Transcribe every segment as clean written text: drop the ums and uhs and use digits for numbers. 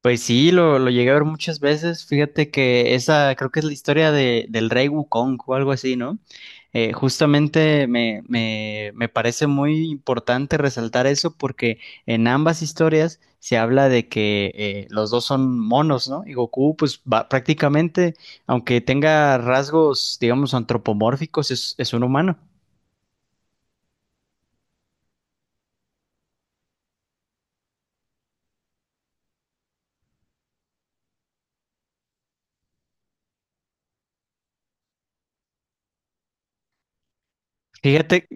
Pues sí, lo llegué a ver muchas veces. Fíjate que esa creo que es la historia del rey Wukong o algo así, ¿no? Justamente me parece muy importante resaltar eso porque en ambas historias se habla de que los dos son monos, ¿no? Y Goku, pues prácticamente, aunque tenga rasgos, digamos, antropomórficos, es un humano. Fíjate,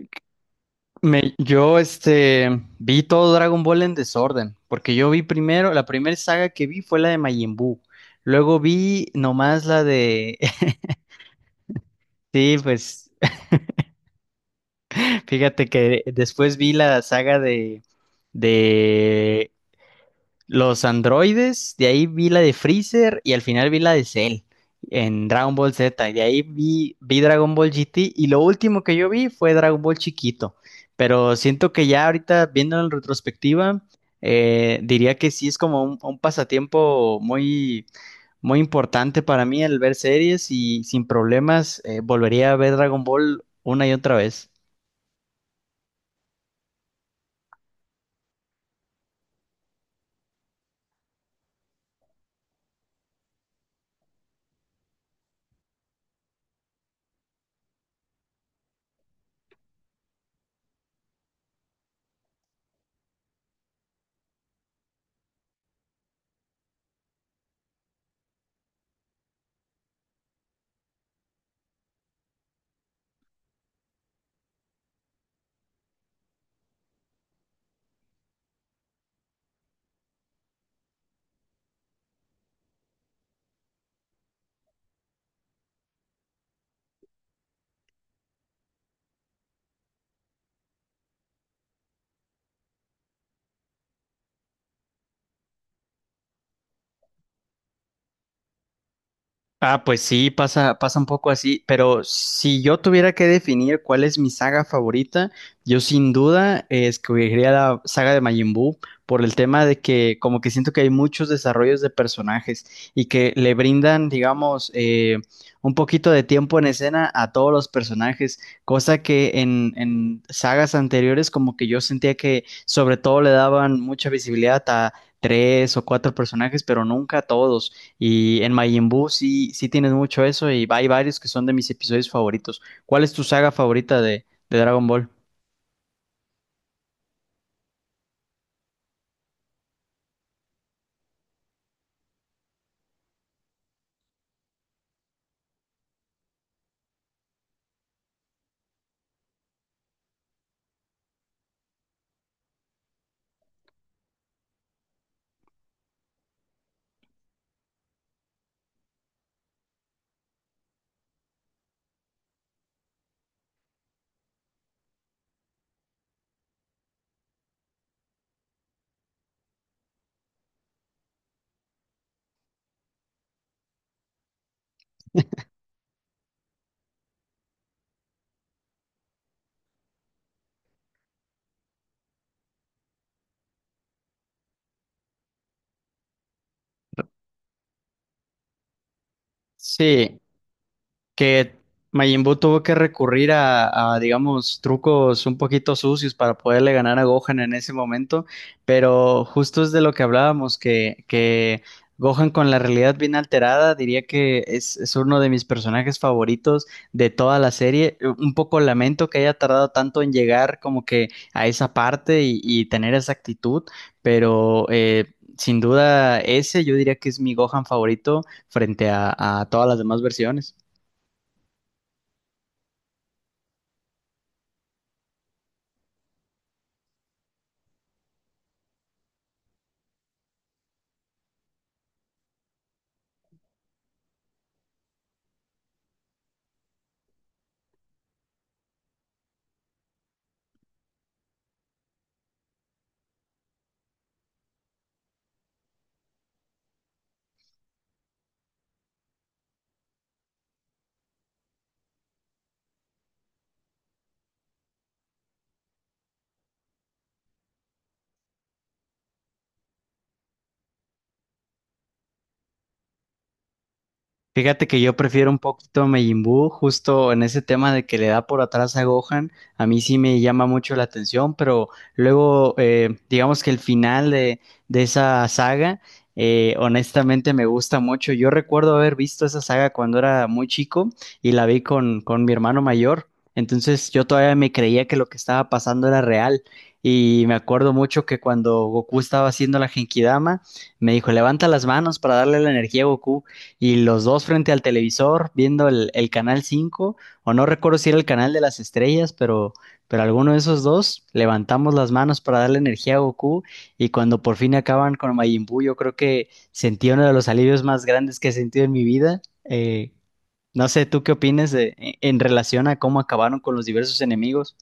Me, yo este Vi todo Dragon Ball en desorden, porque yo vi primero, la primera saga que vi fue la de Majin Buu. Luego vi nomás la de sí, pues fíjate que después vi la saga de los androides, de ahí vi la de Freezer y al final vi la de Cell en Dragon Ball Z. Y de ahí vi Dragon Ball GT y lo último que yo vi fue Dragon Ball chiquito. Pero siento que ya ahorita, viendo en retrospectiva, diría que sí es como un pasatiempo muy, muy importante para mí el ver series y sin problemas volvería a ver Dragon Ball una y otra vez. Ah, pues sí, pasa, pasa un poco así, pero si yo tuviera que definir cuál es mi saga favorita, yo sin duda escogería la saga de Majin Buu por el tema de que como que siento que hay muchos desarrollos de personajes y que le brindan, digamos, un poquito de tiempo en escena a todos los personajes, cosa que en sagas anteriores como que yo sentía que sobre todo le daban mucha visibilidad a tres o cuatro personajes, pero nunca a todos. Y en Majin Buu sí, sí tienes mucho eso y hay varios que son de mis episodios favoritos. ¿Cuál es tu saga favorita de Dragon Ball? Sí, que Majin Buu tuvo que recurrir a, digamos, trucos un poquito sucios para poderle ganar a Gohan en ese momento, pero justo es de lo que hablábamos, que Gohan con la realidad bien alterada, diría que es uno de mis personajes favoritos de toda la serie. Un poco lamento que haya tardado tanto en llegar como que a esa parte y tener esa actitud, pero, sin duda, ese yo diría que es mi Gohan favorito frente a todas las demás versiones. Fíjate que yo prefiero un poquito a Majin Buu, justo en ese tema de que le da por atrás a Gohan, a mí sí me llama mucho la atención, pero luego digamos que el final de esa saga, honestamente me gusta mucho. Yo recuerdo haber visto esa saga cuando era muy chico y la vi con mi hermano mayor, entonces yo todavía me creía que lo que estaba pasando era real. Y me acuerdo mucho que cuando Goku estaba haciendo la Genkidama, me dijo, levanta las manos para darle la energía a Goku y los dos frente al televisor viendo el Canal 5 o no recuerdo si era el canal de las estrellas, pero alguno de esos dos levantamos las manos para darle energía a Goku y cuando por fin acaban con Majin Buu, yo creo que sentí uno de los alivios más grandes que he sentido en mi vida. No sé, ¿tú qué opinas en relación a cómo acabaron con los diversos enemigos?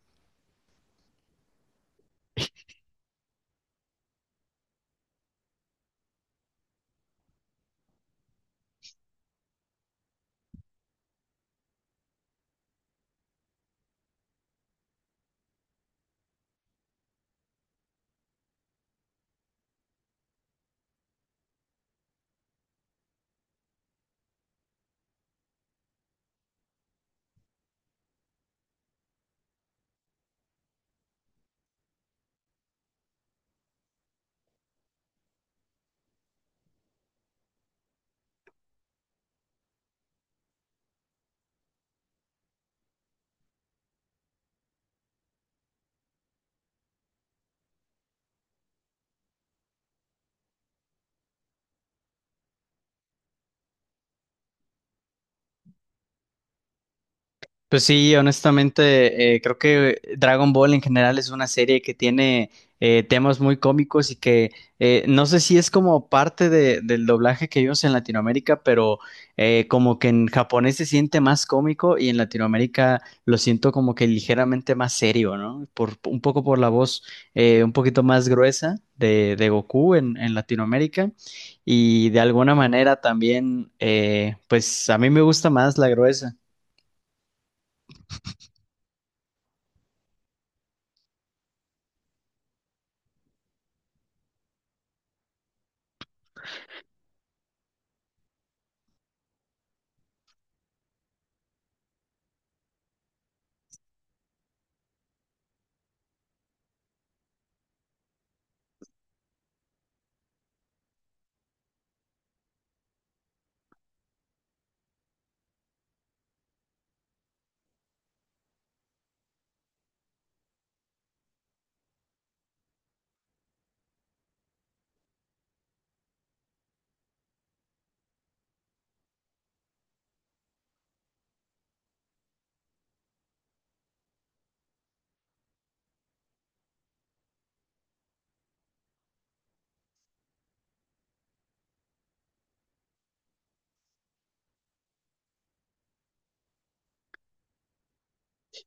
Pues sí, honestamente, creo que Dragon Ball en general es una serie que tiene temas muy cómicos y que no sé si es como parte del doblaje que vimos en Latinoamérica, pero como que en japonés se siente más cómico y en Latinoamérica lo siento como que ligeramente más serio, ¿no? Un poco por la voz un poquito más gruesa de Goku en Latinoamérica y de alguna manera también, pues a mí me gusta más la gruesa.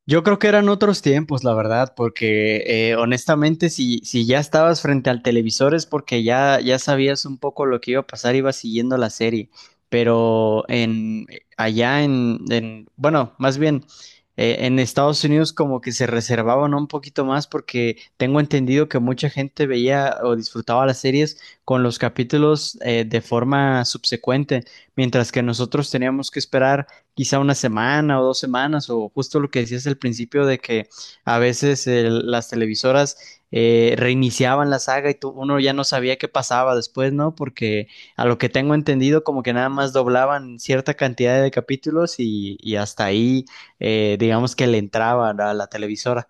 Yo creo que eran otros tiempos, la verdad, porque honestamente, si ya estabas frente al televisor es porque ya sabías un poco lo que iba a pasar, ibas siguiendo la serie. Pero en allá bueno, más bien en Estados Unidos como que se reservaban un poquito más porque tengo entendido que mucha gente veía o disfrutaba las series con los capítulos de forma subsecuente, mientras que nosotros teníamos que esperar quizá una semana o 2 semanas, o justo lo que decías al principio de que a veces las televisoras reiniciaban la saga y tú, uno ya no sabía qué pasaba después, ¿no? Porque a lo que tengo entendido, como que nada más doblaban cierta cantidad de capítulos y hasta ahí, digamos que le entraban a la televisora.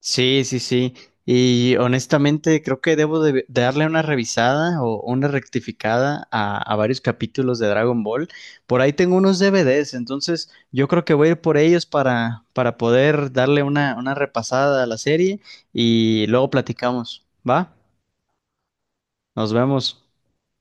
Sí, sí, sí. Y honestamente creo que debo de darle una revisada o una rectificada a, varios capítulos de Dragon Ball. Por ahí tengo unos DVDs, entonces yo creo que voy a ir por ellos para poder darle una repasada a la serie y luego platicamos. ¿Va? Nos vemos.